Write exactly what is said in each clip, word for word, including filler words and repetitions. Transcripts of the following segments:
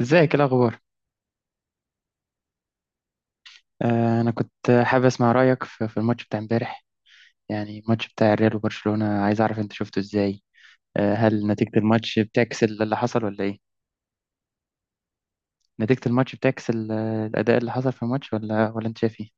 ازيك، ايه الاخبار؟ آه، انا كنت حابب اسمع رايك في في الماتش بتاع امبارح. يعني الماتش بتاع الريال وبرشلونه، عايز اعرف انت شفته ازاي؟ آه، هل نتيجه الماتش بتعكس اللي حصل ولا ايه؟ نتيجه الماتش بتعكس ال- الاداء اللي حصل في الماتش، ولا ولا انت شايف ايه؟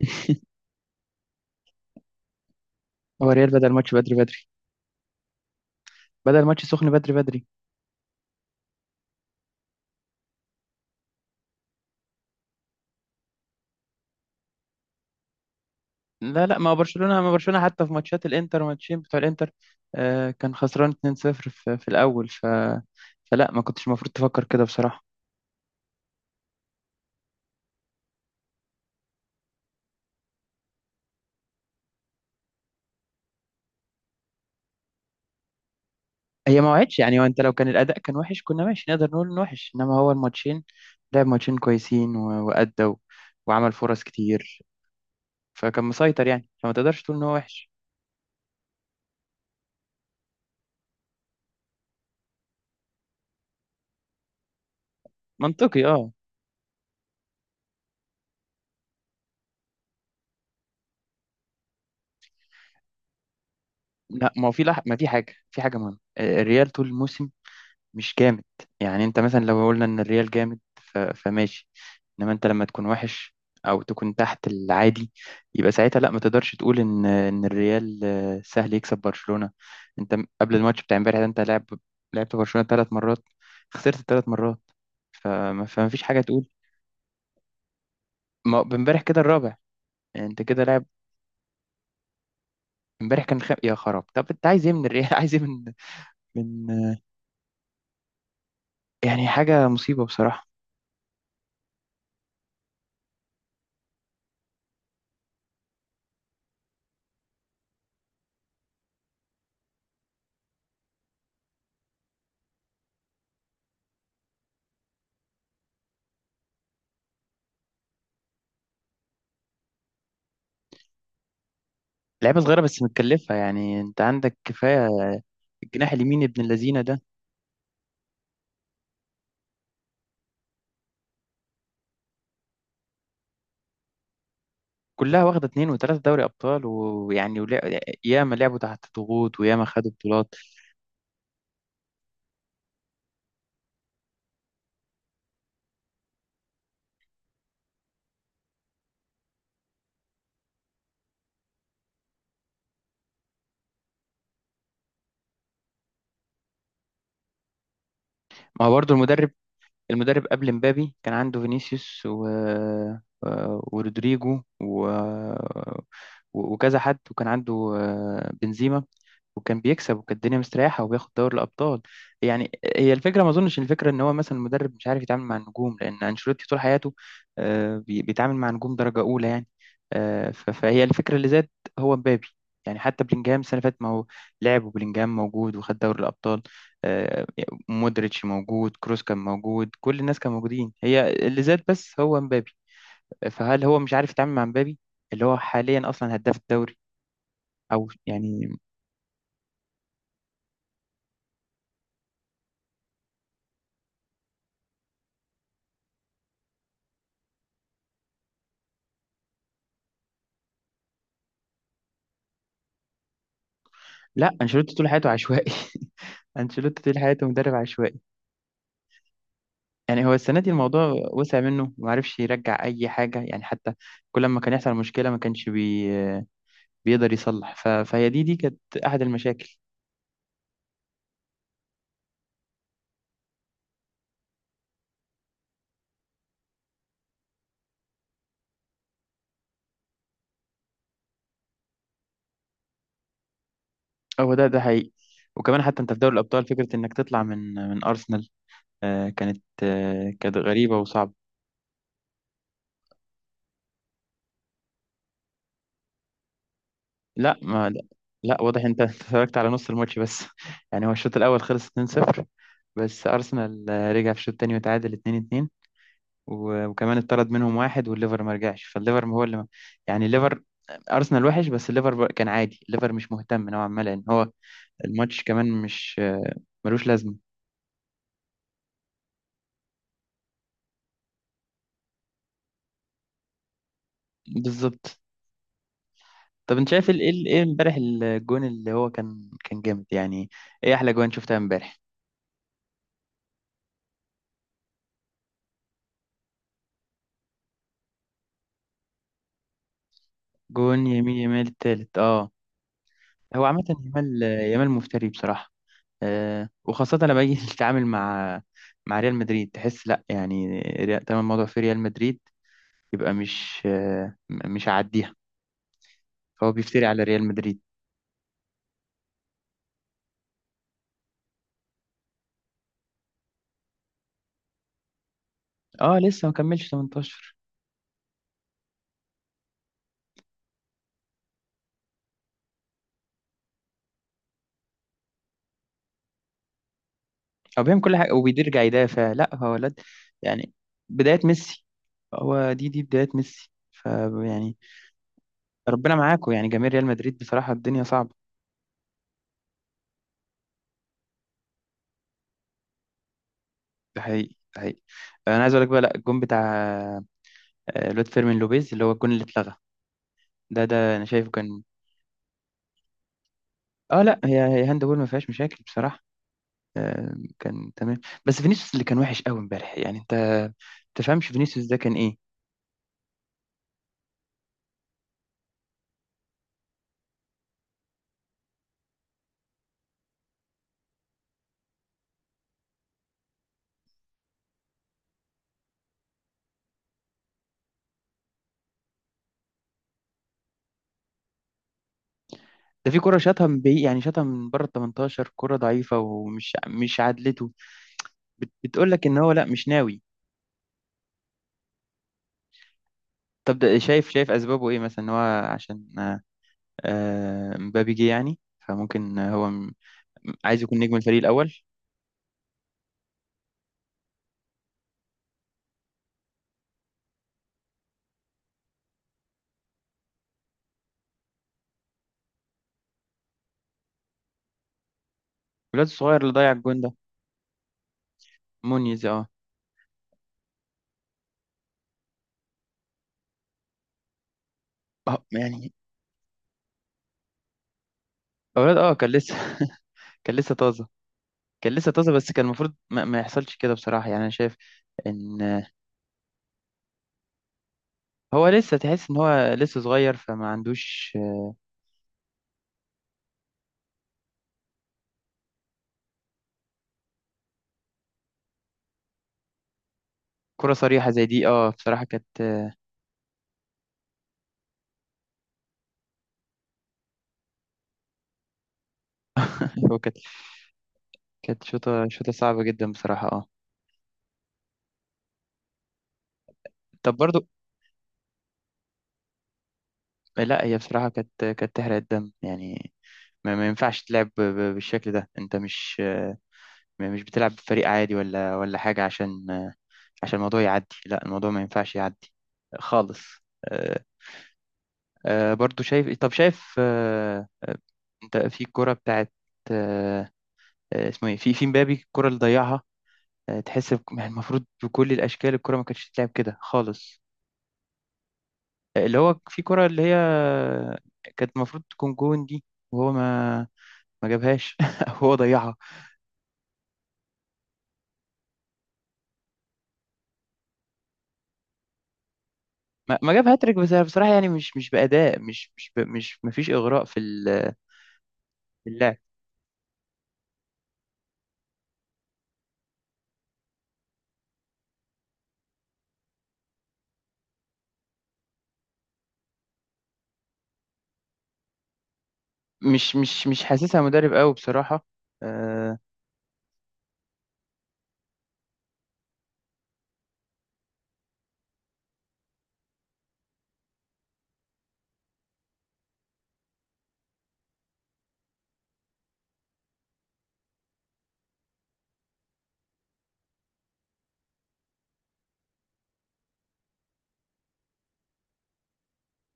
هو الريال بدأ الماتش بدري بدري. بدأ الماتش سخن بدري بدري. لا، لا، ما هو برشلونه ما برشلونه حتى في ماتشات الانتر، ماتشين بتوع الانتر. آه، كان خسران اثنين صفر في في الاول، ف فلا ما كنتش المفروض تفكر كده بصراحه. هي ما وعدش يعني، وانت لو كان الاداء كان وحش كنا ماشي نقدر نقول انه وحش، انما هو الماتشين. لعب ماتشين كويسين و- وادى و- وعمل فرص كتير. فكان مسيطر يعني، فما تقدرش تقول ان هو وحش. منطقي، اه. لا، ما هو في لح... ما في حاجه في حاجه مهمه، آه، الريال طول الموسم مش جامد. يعني انت مثلا لو قلنا ان الريال جامد ف- فماشي. انما انت لما تكون وحش او تكون تحت العادي، يبقى ساعتها لا ما تقدرش تقول ان ان الريال آه، سهل يكسب برشلونة. انت م- قبل الماتش بتاع امبارح ده انت لعب لعبت برشلونة ثلاث مرات. خسرت ثلاث مرات، فما فما فيش حاجة تقول. ما امبارح كده الرابع، يعني انت كده لاعب. امبارح كان خ... يا خراب. طب انت عايز ايه من الريال؟ عايز ايه من من يعني؟ حاجة مصيبة بصراحة. لعيبه صغيره بس متكلفه، يعني انت عندك كفايه. الجناح اليمين ابن اللذينه ده. كلها واخده اتنين وتلاته دوري ابطال، ويعني ولا- ياما لعبوا تحت ضغوط وياما خدوا بطولات. ما هو برضه المدرب. المدرب قبل مبابي كان عنده فينيسيوس و... و- ورودريجو و... و- وكذا حد، وكان عنده آه، بنزيما. وكان بيكسب وكانت الدنيا مستريحه، وبياخد دوري الابطال يعني. هي الفكره، ما اظنش الفكره ان هو مثلا المدرب مش عارف يتعامل مع النجوم، لان انشيلوتي طول حياته آه، بي- بيتعامل مع نجوم درجه اولى يعني. آه، ف- فهي الفكره اللي زاد هو مبابي. يعني حتى بلينجهام السنه اللي فاتت، ما هو لعب وبلينجهام موجود وخد دوري الابطال. آه، مودريتش موجود، كروس كان موجود، كل الناس كانوا موجودين، هي اللي زاد بس هو مبابي. فهل هو مش عارف يتعامل مع مبابي اللي هو حاليا اصلا هداف الدوري؟ او يعني. لا، انشيلوتي طول حياته عشوائي. انشيلوتي طول حياته مدرب عشوائي. يعني هو السنه دي الموضوع وسع منه وما عرفش يرجع اي حاجه، يعني حتى كل ما كان يحصل مشكله ما كانش بي... بيقدر يصلح، ف... فهي دي دي كانت احد المشاكل. هو ده ده حقيقي. وكمان حتى انت في دوري الابطال فكره انك تطلع من من ارسنال آه، كانت آه، كانت غريبة وصعبة. لا ما لا, لا واضح انت اتفرجت على نص الماتش بس. يعني هو الشوط الأول خلص اتنين صفر. بس أرسنال آه، رجع في الشوط التاني وتعادل اتنين اتنين. و- وكمان اتطرد منهم واحد، والليفر ما رجعش، فالليفر هو اللي ما يعني، الليفر. أرسنال وحش بس الليفر بر- كان عادي، الليفر مش مهتم نوعا ما لأن هو الماتش كمان مش آه، ملوش لازمة. بالظبط. طب انت شايف ال- ايه ال- ايه امبارح الجون اللي هو كان كان جامد يعني؟ ايه احلى جوان شفتها امبارح؟ جون يمين يمال التالت، اه. هو عامة، يمال يمال مفتري بصراحة. آه وخاصة لما يجي يتعامل مع مع ريال مدريد تحس لا يعني ريال- تمام الموضوع في ريال مدريد. يبقى مش آه م- مش هعديها. فهو بيفتري على ريال مدريد. اه، لسه ما كملش ثمانية عشر. هو بيعمل كل حاجة وبيرجع يدافع، لا هو ولد يعني، بداية ميسي. هو دي دي بداية ميسي، ف يعني. ربنا معاكم يعني جماهير ريال مدريد، بصراحة الدنيا صعبة. ده حقيقي، ده حقيقي. انا عايز اقول لك بقى، لا الجون بتاع آه، الواد فيرمين لوبيز اللي هو الجون اللي اتلغى. ده ده انا شايفه كان. اه لا، هي هي هاند بول ما فيهاش مشاكل بصراحه. آه، كان تمام. بس فينيسيوس اللي كان وحش قوي امبارح، يعني انت تفهمش فينيسيوس ده كان ايه؟ ده في كرة شاطها من بعيد، يعني شاطها من بره ال تمنتاشر، كرة ضعيفة ومش مش عدلته. بت- بتقول لك ان هو لا مش ناوي. طب ده شايف شايف اسبابه ايه مثلا، ان هو عشان آه، آه، مبابي جه يعني. فممكن آه، هو م- عايز يكون نجم الفريق الاول. الواد الصغير اللي ضيع الجون ده، مونيز، اه. آه، يعني اولاد اه كان لسه كان لسه طازه. كان لسه طازه، بس كان المفروض ما, ما يحصلش كده بصراحه يعني انا شايف ان هو لسه، تحس ان هو لسه صغير فما عندوش كره صريحه زي دي، اه بصراحه كانت هو كانت كانت شوطه شوطه صعبه جدا بصراحه اه. طب برضو، لا هي بصراحه كانت كانت تحرق الدم يعني. ما, ما ينفعش تلعب ب- ب- بالشكل ده، انت مش مش بتلعب بفريق عادي ولا ولا حاجه، عشان عشان الموضوع يعدي، لا الموضوع ما ينفعش يعدي خالص. آه، آه برضو شايف، طب شايف آه آه، انت في الكرة بتاعت آه آه، اسمه ايه في في مبابي الكرة اللي ضيعها. آه تحس بك- يعني المفروض بكل الاشكال الكرة ما كانتش تتلعب كده خالص. آه اللي هو في كرة اللي هي كانت المفروض تكون جون دي، وهو ما ما جابهاش هو ضيعها. ما, ما جاب هاتريك، بس أنا بصراحة يعني مش مش بأداء، مش مش ب... مش ما فيش إغراء في ال- في اللعب. مش مش مش حاسسها مدرب قوي بصراحة. آه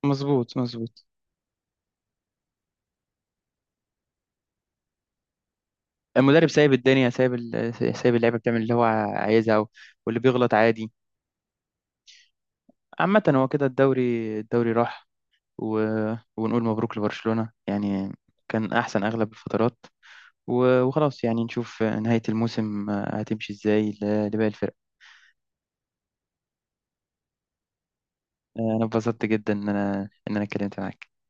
مظبوط مظبوط. المدرب سايب الدنيا، سايب ال- سايب اللعيبه بتعمل اللي هو عايزها، و- واللي بيغلط عادي. عامه هو كده الدوري، الدوري راح، و... ونقول مبروك لبرشلونه يعني. كان احسن اغلب الفترات، و... وخلاص يعني نشوف نهايه الموسم هتمشي ازاي ل- لباقي الفرق. انا اتبسطت جدا ان انا ان انا اتكلمت معاك.